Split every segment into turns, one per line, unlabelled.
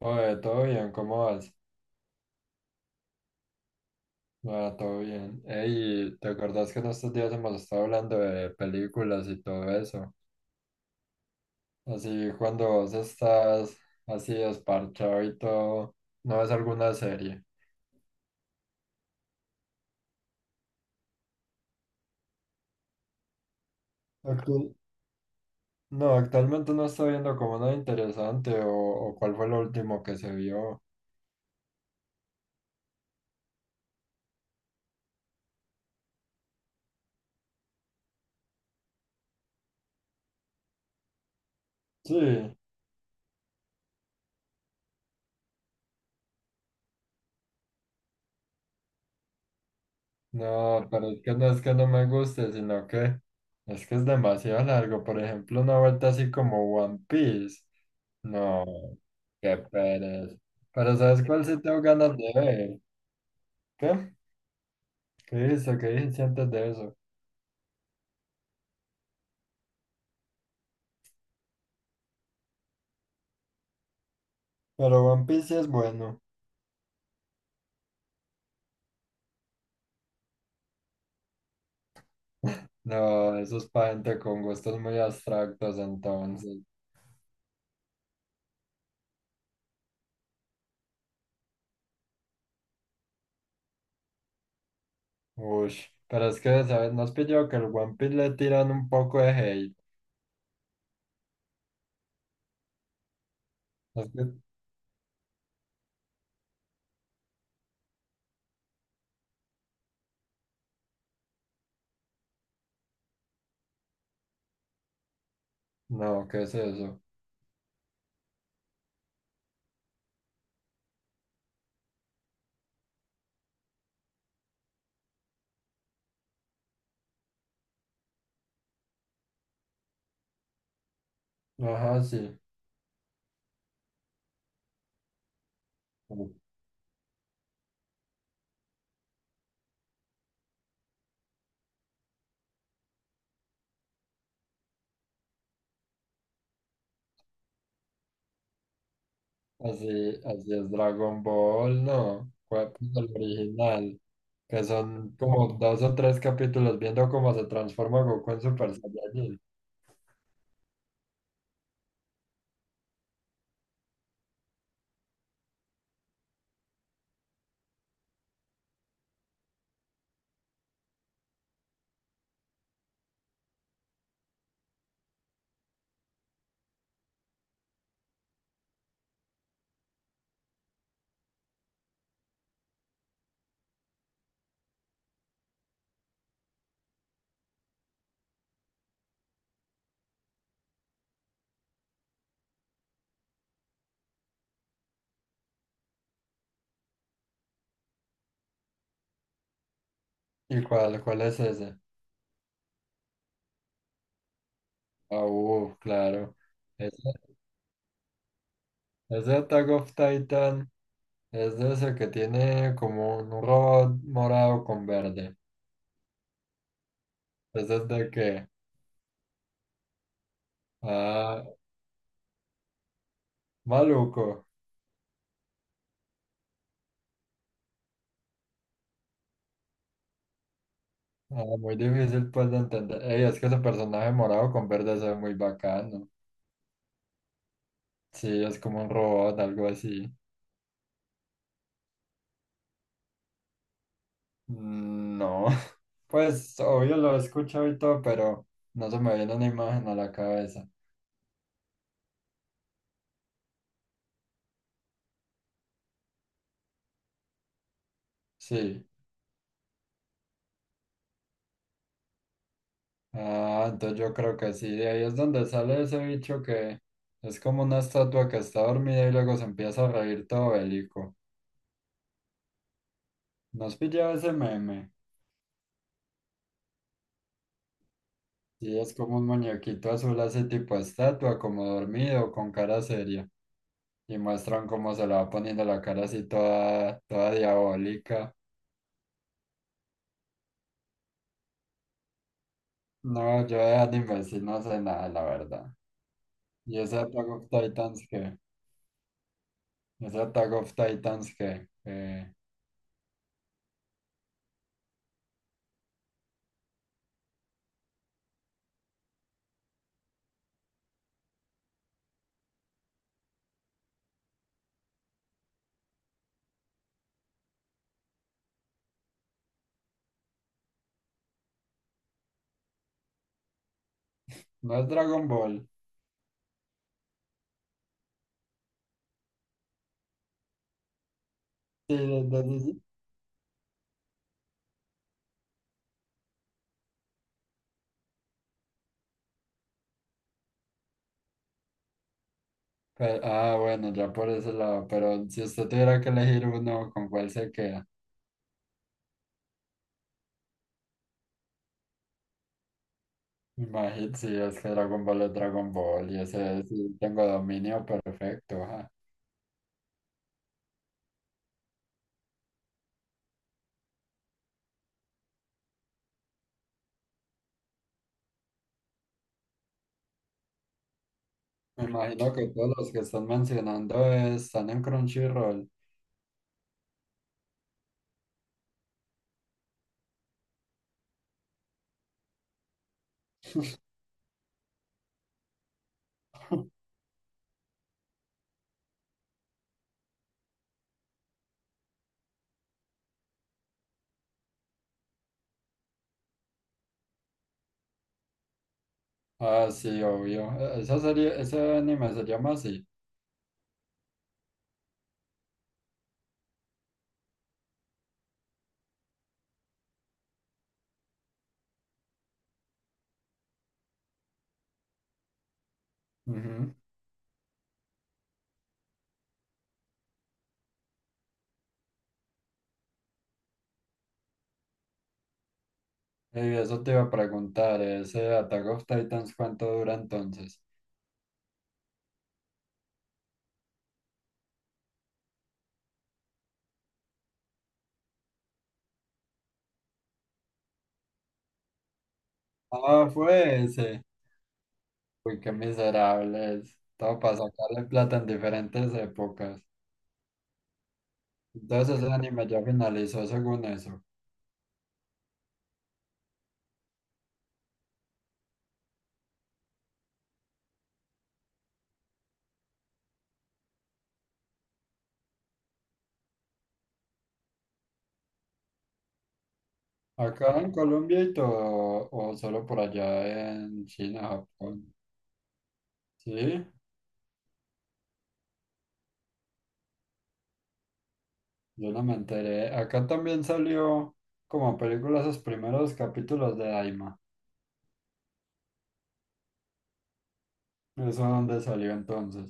Oye, todo bien, ¿cómo vas? Bueno, todo bien. Ey, ¿te acordás que en estos días hemos estado hablando de películas y todo eso? Así, cuando vos estás así desparchado y todo, ¿no ves alguna serie? Actu- no, actualmente no estoy viendo como nada interesante o cuál fue lo último que se vio. Sí, no, pero es que no me guste, sino que es demasiado largo. Por ejemplo, una vuelta así como One Piece. No, qué pereza. Pero ¿sabes cuál sí tengo ganas de ver? ¿Qué? ¿Qué hizo ¿Qué dijiste antes de eso? Pero One Piece sí es bueno. No, eso es para gente con gustos muy abstractos entonces. Uy, pero es que, ¿sabes? ¿No has pillado que el One Piece le tiran un poco de hate? No Es que- No, ¿qué es eso? Ajá, sí. Así, así es Dragon Ball, no. ¿Cuál es el original? Que son como dos o tres capítulos viendo cómo se transforma Goku en Super Saiyajin. ¿Y cuál es ese? Ah, claro. Ese, ese Attack of Titan es de ese que tiene como un robot morado con verde. ¿Ese es de qué? Ah, maluco. Ah, muy difícil pues de entender. Ey, es que ese personaje morado con verde se ve muy bacano. Sí, es como un robot, algo así. Mm, no. Pues obvio lo he escuchado y todo, pero no se me viene una imagen a la cabeza. Sí. Ah, entonces yo creo que sí. De ahí es donde sale ese bicho que es como una estatua que está dormida y luego se empieza a reír todo bélico. ¿No has pillado ese meme? Sí, es como un muñequito azul así tipo estatua, como dormido, con cara seria. Y muestran cómo se le va poniendo la cara así toda diabólica. No, yo de anime sí no sé nada, la verdad. Y ese Attack of Titans que... Es Attack of Titans que, no es Dragon Ball. Sí, es de DC. Ah, bueno, ya por ese lado, pero si usted tuviera que elegir uno, ¿con cuál se queda? Imagínate, si es que Dragon Ball es Dragon Ball y ese sí tengo dominio perfecto. Ajá. Me imagino que todos los que están mencionando están en Crunchyroll. Ah, sí, obvio. Esa serie, ese anime se llama así. Ujú. Y eso te iba a preguntar, ¿ese Attack of Titans cuánto dura entonces? Ah, fue ese. Uy, qué miserables. Todo para sacarle plata en diferentes épocas. Entonces el anime ya finalizó según eso. ¿Acá en Colombia y todo, o solo por allá en China, Japón? Sí, yo no me enteré. Acá también salió como película los primeros capítulos de Daima. ¿Eso donde salió entonces?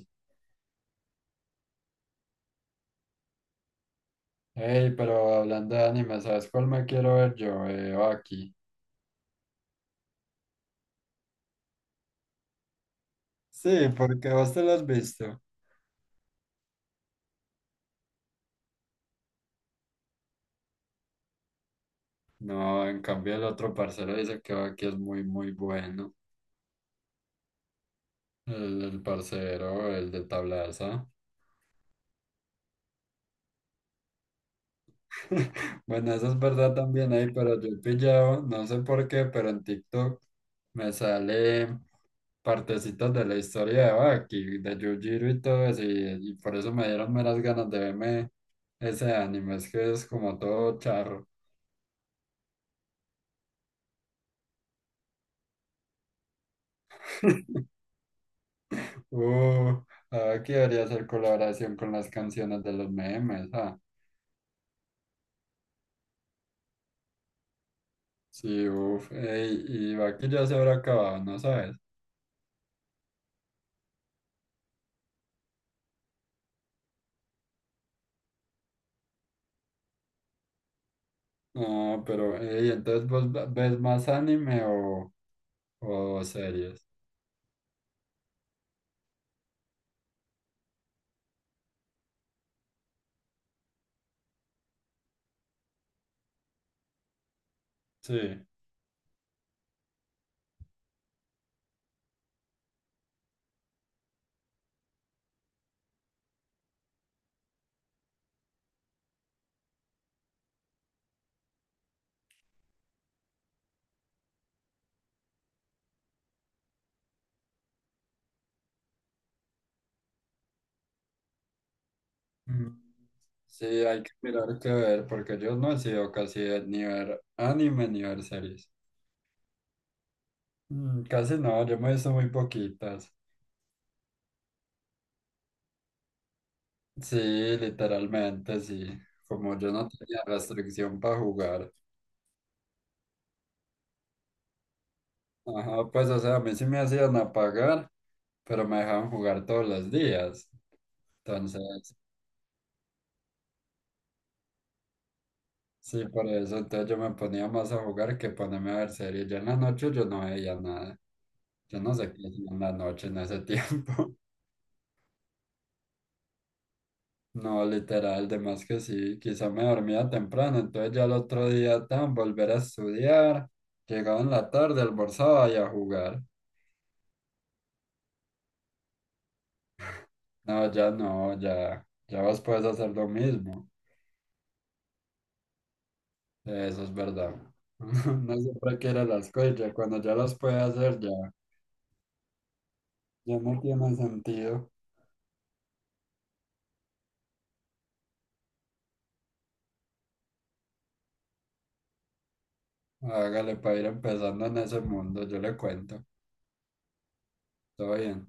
Hey, pero hablando de anime, ¿sabes cuál me quiero ver yo? Aquí. Sí, porque vos te lo has visto. No, en cambio el otro parcero dice que aquí es muy, muy bueno. El parcero, el de Tablaza. Bueno, eso es verdad también ahí, pero yo he pillado, no sé por qué, pero en TikTok me sale partecitas de la historia de Baki, de Yujiro y todo eso, y por eso me dieron meras ganas de verme ese anime, es que es como todo charro. Uh, ah, aquí debería hacer colaboración con las canciones de los memes, ¿ah? Sí, uff, ey, y va que ya se habrá acabado, ¿no sabes? No, pero, ey, entonces ves más anime o series. Sí. Mm. Sí, hay que mirar qué ver, porque yo no he sido casi de ni ver anime ni ver series. Mm, casi no, yo me he visto muy poquitas. Sí, literalmente, sí. Como yo no tenía restricción para jugar. Ajá, pues, o sea, a mí sí me hacían apagar, pero me dejaban jugar todos los días. Entonces. Sí, por eso entonces yo me ponía más a jugar que ponerme a ver series. Yo en la noche yo no veía nada. Yo no sé qué hacía en la noche en ese tiempo. No, literal, de más que sí. Quizá me dormía temprano, entonces ya el otro día tan volver a estudiar. Llegaba en la tarde, almorzaba y a jugar. No, ya no, ya, ya vos puedes hacer lo mismo. Eso es verdad. No siempre quiere las cosas, ya cuando ya las puede hacer ya, ya no tiene sentido. Hágale para ir empezando en ese mundo, yo le cuento. Todo bien.